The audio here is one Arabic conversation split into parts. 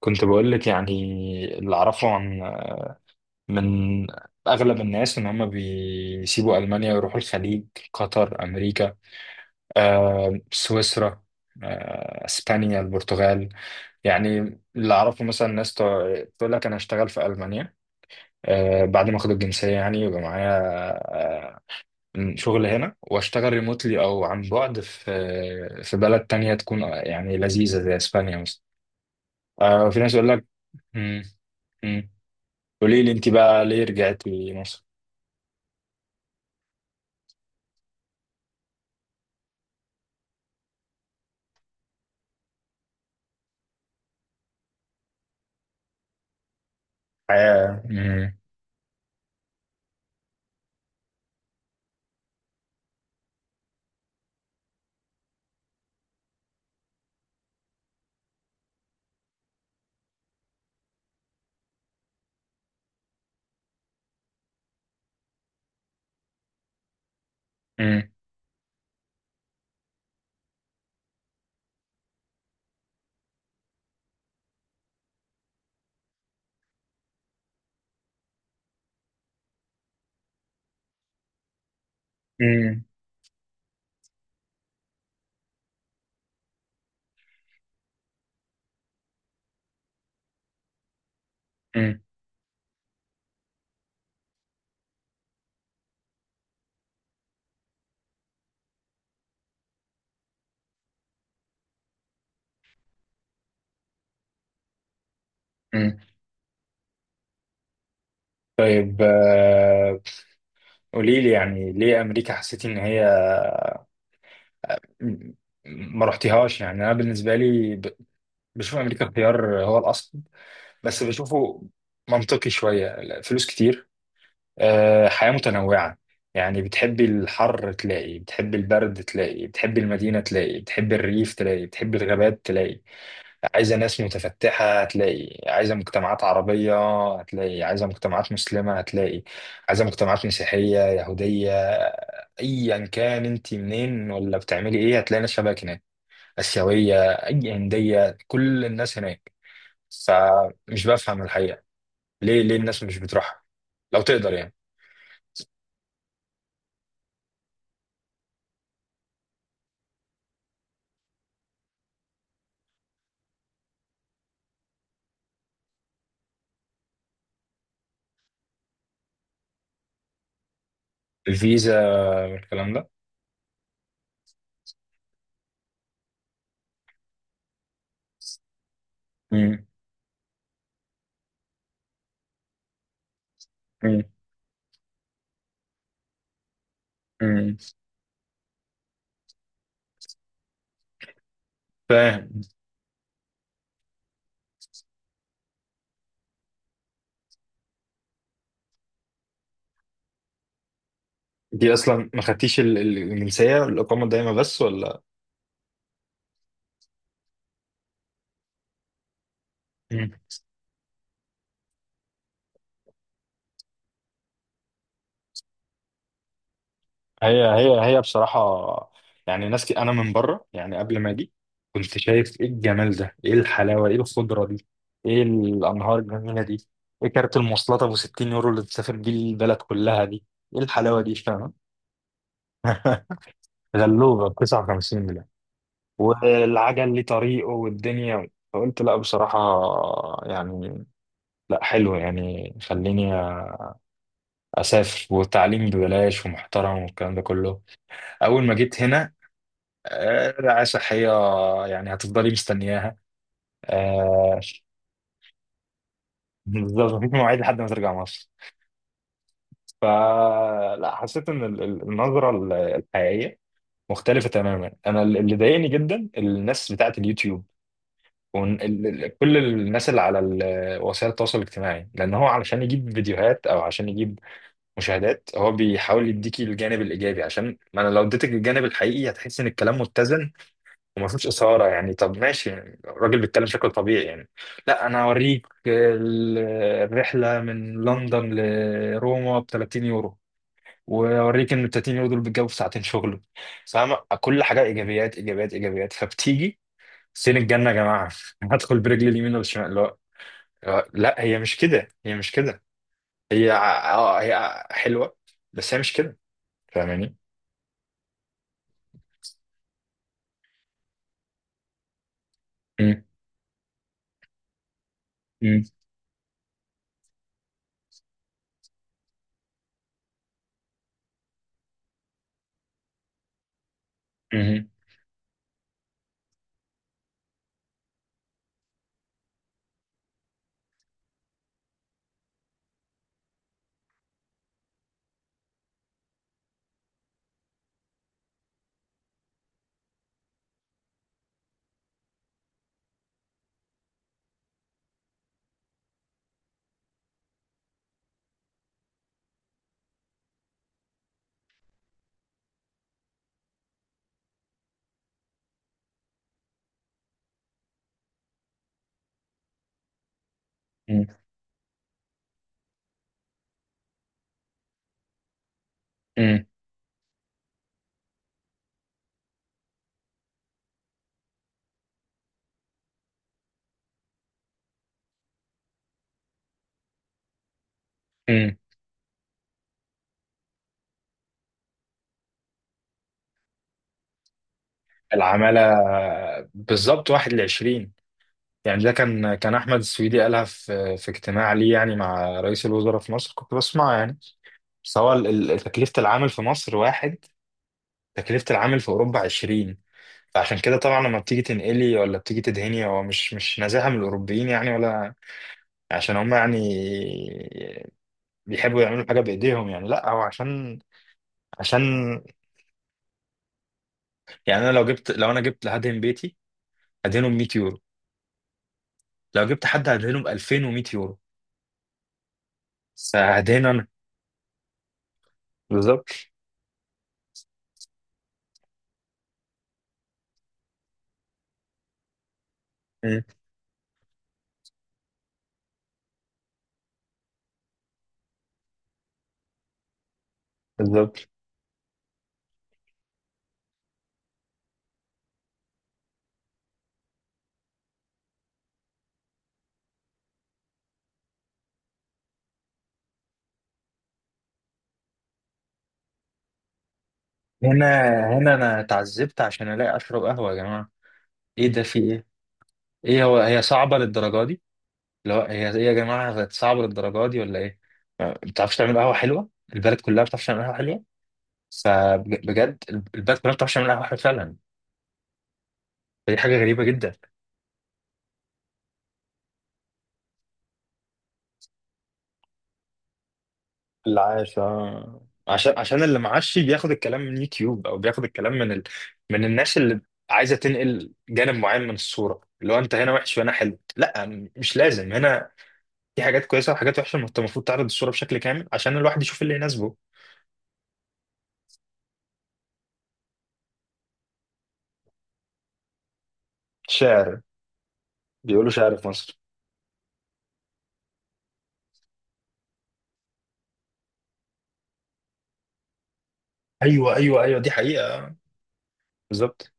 كنت بقول لك، يعني اللي اعرفه عن، من اغلب الناس ان هم بيسيبوا المانيا ويروحوا الخليج، قطر، امريكا، سويسرا، اسبانيا، البرتغال. يعني اللي اعرفه مثلا ناس تقول لك انا هشتغل في المانيا، بعد ما اخد الجنسيه يعني يبقى معايا آه، شغل هنا واشتغل ريموتلي او عن بعد في بلد تانية تكون يعني لذيذه زي اسبانيا مثلا. وفي ناس يقول لك. مم، قولي لي انت بقى ليه رجعتي مصر؟ حياة. مم. مم. مم. مم. مم. طيب، قولي لي يعني ليه امريكا حسيتي ان هي م- ما رحتيهاش؟ يعني انا بالنسبه لي بشوف امريكا الخيار هو الاصل، بس بشوفه منطقي شويه، فلوس كتير، حياه متنوعه. يعني بتحبي الحر تلاقي، بتحبي البرد تلاقي، بتحبي المدينه تلاقي، بتحبي الريف تلاقي، بتحبي الغابات تلاقي. عايزة ناس متفتحة هتلاقي، عايزة مجتمعات عربية هتلاقي، عايزة مجتمعات مسلمة هتلاقي، عايزة مجتمعات مسيحية يهودية. أيا كان أنت منين، ولا بتعملي إيه، هتلاقي ناس شبهك هناك، آسيوية، أي هندية، كل الناس هناك. فمش بفهم الحقيقة، ليه الناس مش بتروح؟ لو تقدر يعني، الفيزا والكلام ده. مم. مم. مم. فاهم. دي أصلا ما خدتيش الجنسية، الإقامة الدائمة بس، ولا؟ هي بصراحة يعني، ناس كي أنا من بره، يعني قبل ما أجي كنت شايف إيه الجمال ده، إيه الحلاوة، إيه الخضرة دي، إيه الأنهار الجميلة دي، إيه كارت المواصلات أبو 60 يورو اللي تسافر بيه البلد كلها دي، إيه الحلاوة دي، فاهم؟ غلوبة ب 59 جنيه. والعجل ليه طريقه والدنيا، فقلت لا بصراحة، يعني لا حلو، يعني خليني أسافر، والتعليم ببلاش ومحترم والكلام ده كله. أول ما جيت هنا، رعاية صحية، يعني هتفضلي مستنياها. آه، بالظبط، مفيش مواعيد لحد ما ترجع مصر. فلا، حسيت ان النظرة الحقيقية مختلفة تماما. انا اللي ضايقني جدا الناس بتاعة اليوتيوب، وكل الناس اللي على وسائل التواصل الاجتماعي، لان هو علشان يجيب فيديوهات او عشان يجيب مشاهدات هو بيحاول يديكي الجانب الايجابي. عشان ما انا لو اديتك الجانب الحقيقي هتحس ان الكلام متزن وما فيهوش إثارة. يعني طب ماشي، يعني الراجل بيتكلم شكل طبيعي، يعني لا أنا هوريك الرحلة من لندن لروما ب 30 يورو، وأوريك إن ال 30 يورو دول بيتجابوا في ساعتين شغل، فاهم؟ كل حاجة إيجابيات، إيجابيات، إيجابيات، فبتيجي سين الجنة يا جماعة. هدخل برجلي اليمين ولا الشمال؟ لا لا، هي مش كده، هي مش كده، هي هي حلوة، بس هي مش كده، فاهماني؟ مم. مم. مم. مم. مم. العمالة، بالظبط، واحد لعشرين. يعني ده كان أحمد السويدي قالها في اجتماع ليه يعني مع رئيس الوزراء في مصر، كنت بسمع يعني. بس هو تكلفة العامل في مصر واحد، تكلفة العامل في أوروبا عشرين. فعشان كده طبعا لما بتيجي تنقلي ولا بتيجي تدهني، هو مش نزاهة من الأوروبيين يعني، ولا عشان هم يعني بيحبوا يعملوا حاجة بإيديهم. يعني لا، هو عشان عشان يعني أنا لو جبت، لو أنا جبت هدهن بيتي هدهنه ب 100 يورو، لو جبت حد هدهنه ب 2100 يورو. فهدينا انا بالظبط. مم. بالظبط. هنا هنا انا اتعذبت عشان الاقي اشرب قهوه يا جماعه، ايه ده، في ايه؟ ايه، هو هي صعبه للدرجه دي؟ اللي هو هي ايه يا جماعه، بقت صعبه للدرجه دي، ولا ايه؟ ما بتعرفش تعمل قهوه حلوه، البلد كلها ما بتعرفش تعمل قهوه حلوه، فبجد البلد كلها ما بتعرفش تعمل قهوه حلوه فعلا، فدي حاجه غريبه جدا. اللي عايش، اه، عشان اللي معاشي بياخد الكلام من يوتيوب، او بياخد الكلام من من الناس اللي عايزه تنقل جانب معين من الصوره، اللي هو انت هنا وحش وهنا حلو. لا، مش لازم، هنا في حاجات كويسه وحاجات وحشه، ما انت المفروض تعرض الصوره بشكل كامل عشان الواحد يشوف اللي يناسبه. شاعر، بيقولوا شاعر في مصر. ايوه، ايوه، ايوه، دي حقيقه، بالظبط.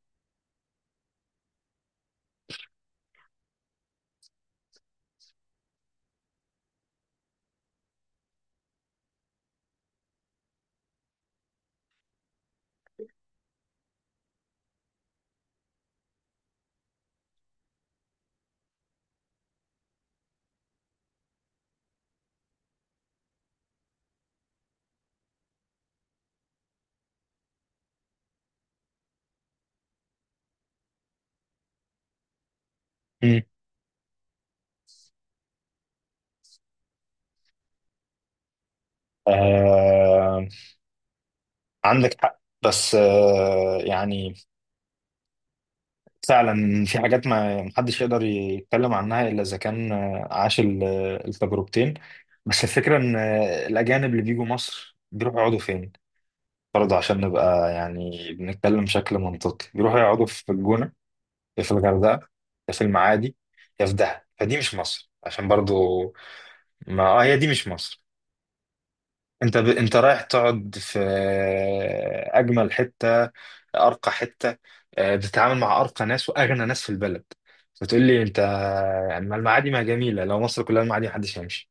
مم. آه... عندك حق بس يعني فعلا في حاجات ما محدش يقدر يتكلم عنها الا اذا كان عاش التجربتين. بس الفكره ان الاجانب اللي بيجوا مصر بيروحوا يقعدوا فين؟ برضه عشان نبقى يعني بنتكلم بشكل منطقي، بيروحوا يقعدوا في الجونه، يا في الغردقه، يا في المعادي، يا في دهب، فدي مش مصر. عشان برضه، ما آه هي دي مش مصر. انت انت رايح تقعد في اجمل حته، ارقى حته، بتتعامل مع ارقى ناس واغنى ناس في البلد. فتقول لي انت يعني، ما المعادي ما جميله، لو مصر كلها المعادي محدش هيمشي.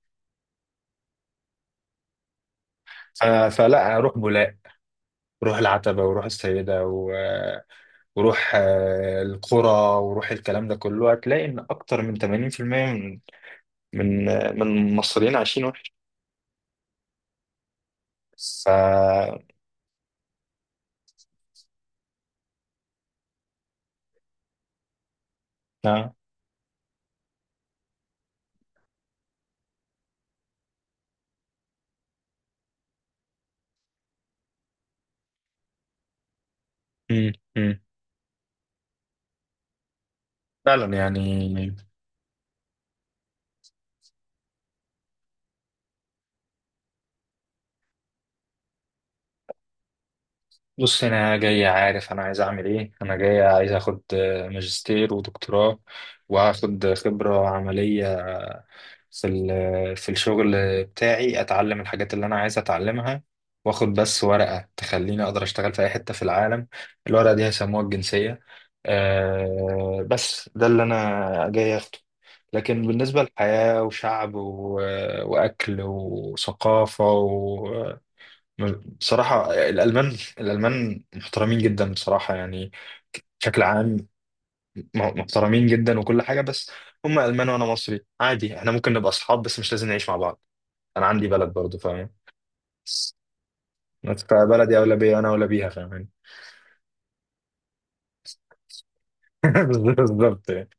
فلا، اروح بولاق، روح العتبه، وروح السيده، وروح القرى، وروح الكلام ده كله، هتلاقي ان اكتر من 80% من من المصريين عايشين وحش. ف آه، مم، مم. فعلا يعني. بص انا جاي عارف انا عايز اعمل ايه، انا جاي عايز اخد ماجستير ودكتوراه، واخد خبرة عملية في في الشغل بتاعي، اتعلم الحاجات اللي انا عايز اتعلمها، واخد بس ورقة تخليني اقدر اشتغل في اي حتة في العالم. الورقة دي هيسموها الجنسية. أه، بس ده اللي انا جاي اخده. لكن بالنسبة للحياة، وشعب، وأكل، وثقافة، بصراحة الألمان محترمين جدا بصراحة يعني، بشكل عام محترمين جدا وكل حاجة. بس هم ألمان وأنا مصري عادي، احنا ممكن نبقى أصحاب بس مش لازم نعيش مع بعض. أنا عندي بلد برضه، فاهم؟ بس فبلدي أولى بيا وأنا أولى بيها، فاهم؟ بالظبط.